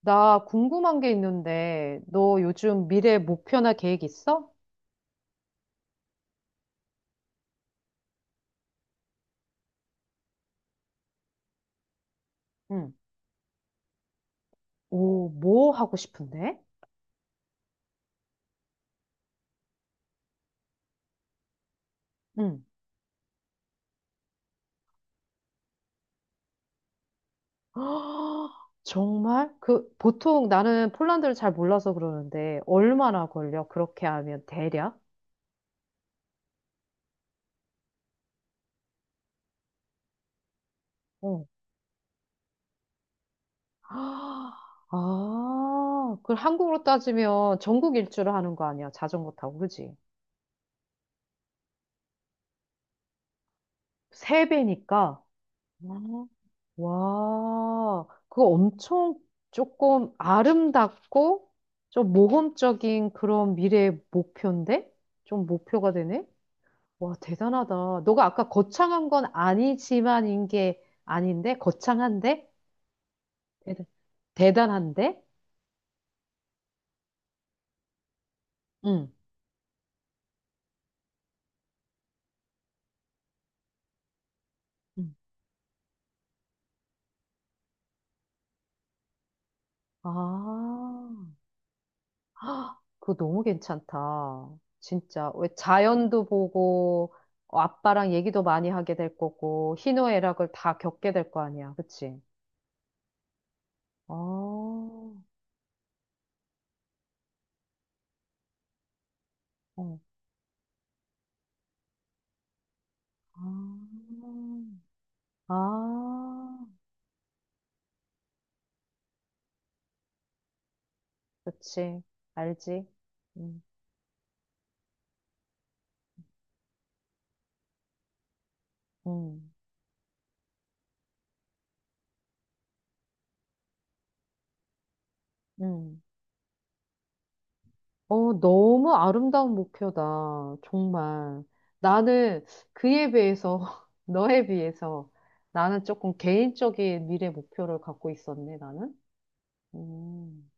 나 궁금한 게 있는데, 너 요즘 미래 목표나 계획 있어? 응. 오, 뭐 하고 싶은데? 응. 정말? 그, 보통 나는 폴란드를 잘 몰라서 그러는데, 얼마나 걸려? 그렇게 하면 대략? 어. 아, 그 한국으로 따지면 전국 일주를 하는 거 아니야? 자전거 타고, 그지? 세 배니까. 와, 그거 엄청 조금 아름답고 좀 모험적인 그런 미래의 목표인데? 좀 목표가 되네? 와, 대단하다. 너가 아까 거창한 건 아니지만인 게 아닌데? 거창한데? 대단, 대단한데? 응. 응. 아, 헉, 그거 너무 괜찮다. 진짜. 왜 자연도 보고, 어, 아빠랑 얘기도 많이 하게 될 거고, 희노애락을 다 겪게 될 거 아니야. 그치? 아, 어, 아, 아, 그치. 알지. 음, 음, 음. 어, 너무 아름다운 목표다. 정말. 나는 그에 비해서, 너에 비해서, 나는 조금 개인적인 미래 목표를 갖고 있었네, 나는. 음.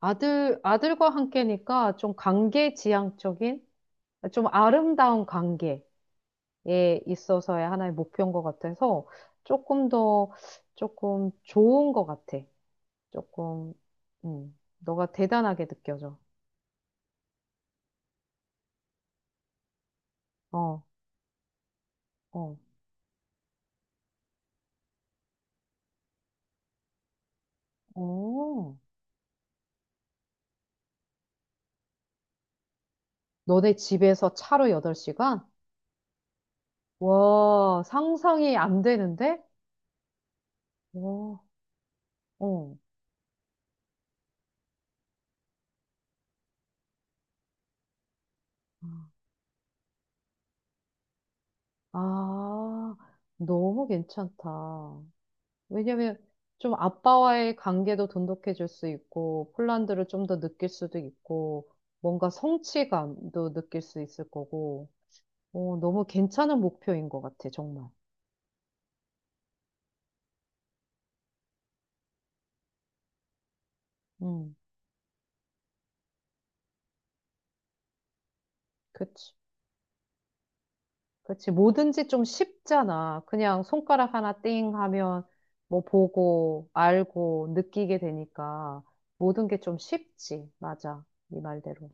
아들과 함께니까 좀 관계 지향적인, 좀 아름다운 관계. 에 있어서의 하나의 목표인 것 같아서 조금 더 조금 좋은 것 같아. 조금 너가 대단하게 느껴져. 어, 어, 어. 너네 집에서 차로 8시간? 와, 상상이 안 되는데? 와, 어. 아, 너무 괜찮다. 왜냐면 좀 아빠와의 관계도 돈독해질 수 있고, 폴란드를 좀 더 느낄 수도 있고, 뭔가 성취감도 느낄 수 있을 거고, 어, 너무 괜찮은 목표인 것 같아, 정말. 음, 그치. 그치. 뭐든지 좀 쉽잖아. 그냥 손가락 하나 띵 하면 뭐 보고, 알고, 느끼게 되니까 모든 게 좀 쉽지. 맞아. 네 말대로.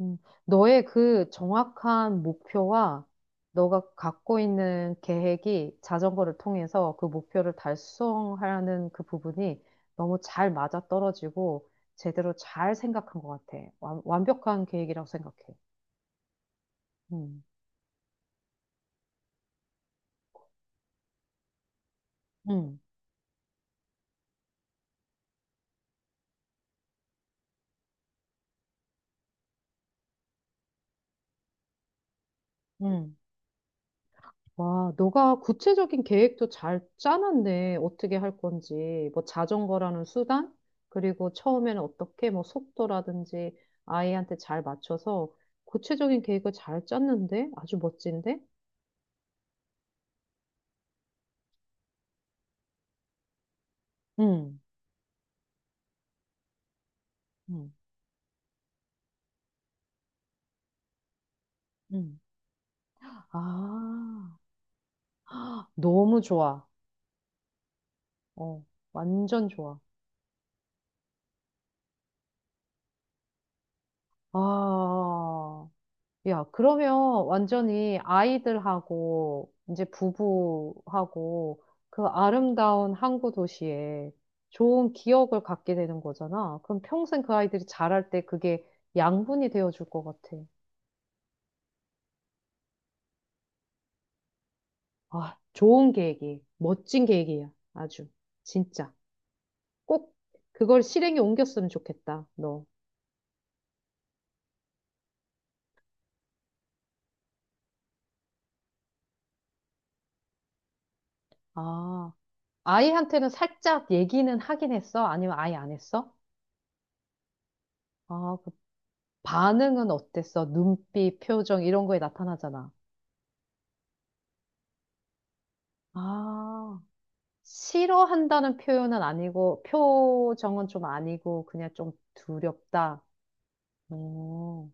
음, 너의 그 정확한 목표와 너가 갖고 있는 계획이 자전거를 통해서 그 목표를 달성하는 그 부분이 너무 잘 맞아떨어지고 제대로 잘 생각한 것 같아. 완벽한 계획이라고 생각해. 음, 음, 음. 와, 너가 구체적인 계획도 잘 짜놨네. 어떻게 할 건지. 뭐 자전거라는 수단? 그리고 처음에는 어떻게 뭐 속도라든지 아이한테 잘 맞춰서 구체적인 계획을 잘 짰는데? 아주 멋진데? 응, 응, 응. 아, 너무 좋아. 어, 완전 좋아. 아, 야, 그러면 완전히 아이들하고 이제 부부하고 그 아름다운 항구 도시에 좋은 기억을 갖게 되는 거잖아. 그럼 평생 그 아이들이 자랄 때 그게 양분이 되어줄 것 같아. 아, 멋진 계획이야. 아주. 진짜. 꼭 그걸 실행에 옮겼으면 좋겠다, 너. 아, 아이한테는 살짝 얘기는 하긴 했어? 아니면 아예 안 했어? 아, 반응은 어땠어? 눈빛, 표정 이런 거에 나타나잖아. 아, 싫어한다는 표현은 아니고 표정은 좀 아니고 그냥 좀 두렵다. 오.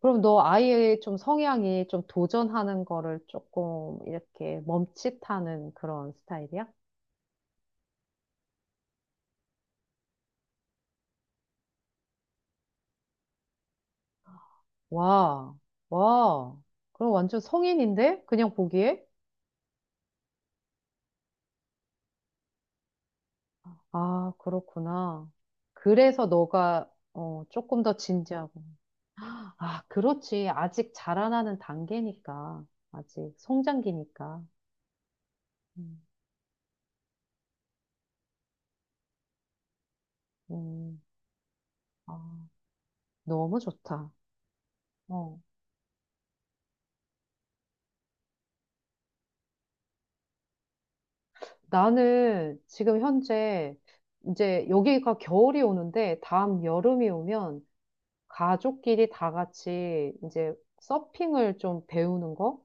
그럼 너 아이의 좀 성향이 좀 도전하는 거를 조금 이렇게 멈칫하는 그런 스타일이야? 와, 와. 그럼 완전 성인인데? 그냥 보기에? 아, 그렇구나. 그래서 너가 어, 조금 더 진지하고. 아, 그렇지. 아직 자라나는 단계니까. 아직 성장기니까. 음, 음, 아, 너무 좋다. 어. 나는 지금 현재 이제 여기가 겨울이 오는데 다음 여름이 오면 가족끼리 다 같이 이제 서핑을 좀 배우는 거?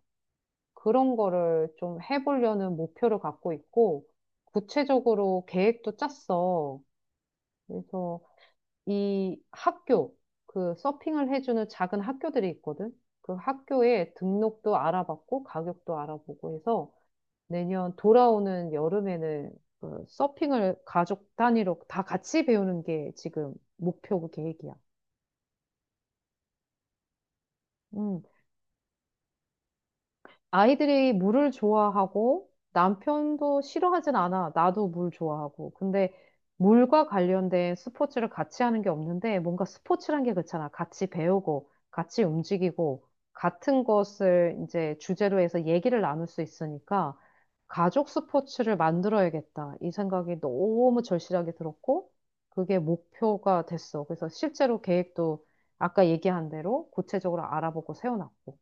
그런 거를 좀 해보려는 목표를 갖고 있고 구체적으로 계획도 짰어. 그래서 이 학교, 그 서핑을 해주는 작은 학교들이 있거든. 그 학교에 등록도 알아봤고 가격도 알아보고 해서 내년 돌아오는 여름에는 그 서핑을 가족 단위로 다 같이 배우는 게 지금 목표고 계획이야. 음. 아이들이 물을 좋아하고 남편도 싫어하진 않아. 나도 물 좋아하고. 근데 물과 관련된 스포츠를 같이 하는 게 없는데 뭔가 스포츠란 게 그렇잖아. 같이 배우고, 같이 움직이고, 같은 것을 이제 주제로 해서 얘기를 나눌 수 있으니까 가족 스포츠를 만들어야겠다. 이 생각이 너무 절실하게 들었고, 그게 목표가 됐어. 그래서 실제로 계획도 아까 얘기한 대로 구체적으로 알아보고 세워놨고.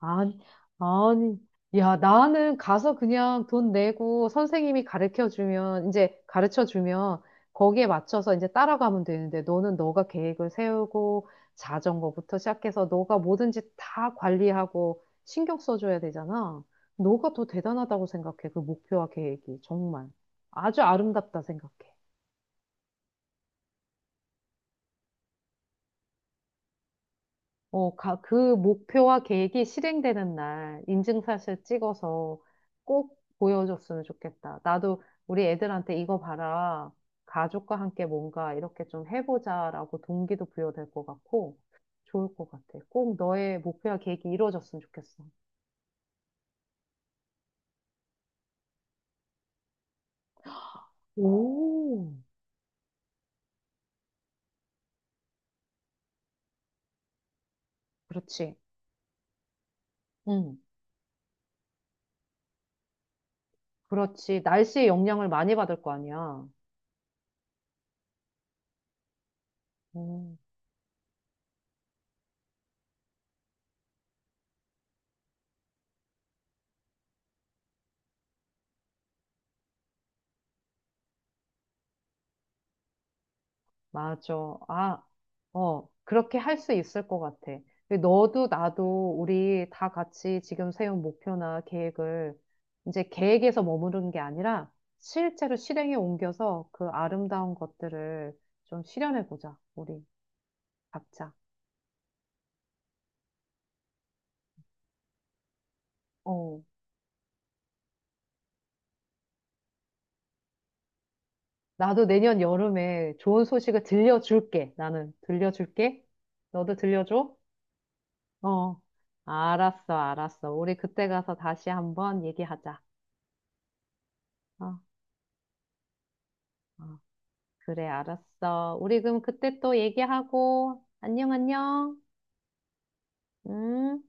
아니, 아니, 야, 나는 가서 그냥 돈 내고 선생님이 가르쳐 주면, 이제 가르쳐 주면 거기에 맞춰서 이제 따라가면 되는데 너는 너가 계획을 세우고 자전거부터 시작해서 너가 뭐든지 다 관리하고 신경 써줘야 되잖아. 너가 더 대단하다고 생각해, 그 목표와 계획이. 정말. 아주 아름답다 생각해. 어, 그 목표와 계획이 실행되는 날 인증샷을 찍어서 꼭 보여줬으면 좋겠다. 나도 우리 애들한테 이거 봐라. 가족과 함께 뭔가 이렇게 좀 해보자라고 동기도 부여될 것 같고 좋을 것 같아. 꼭 너의 목표와 계획이 이루어졌으면 좋겠어. 오. 그렇지. 응. 그렇지. 날씨의 영향을 많이 받을 거 아니야. 음. 맞아. 아, 어, 그렇게 할 수 있을 것 같아. 너도 나도 우리 다 같이 지금 세운 목표나 계획을 이제 계획에서 머무르는 게 아니라 실제로 실행에 옮겨서 그 아름다운 것들을 좀 실현해 보자. 우리 각자. 어, 나도 내년 여름에 좋은 소식을 들려줄게. 나는 들려줄게. 너도 들려줘? 어, 알았어. 우리 그때 가서 다시 한번 얘기하자. 어. 어. 그래, 알았어. 우리 그럼 그때 또 얘기하고, 안녕. 음.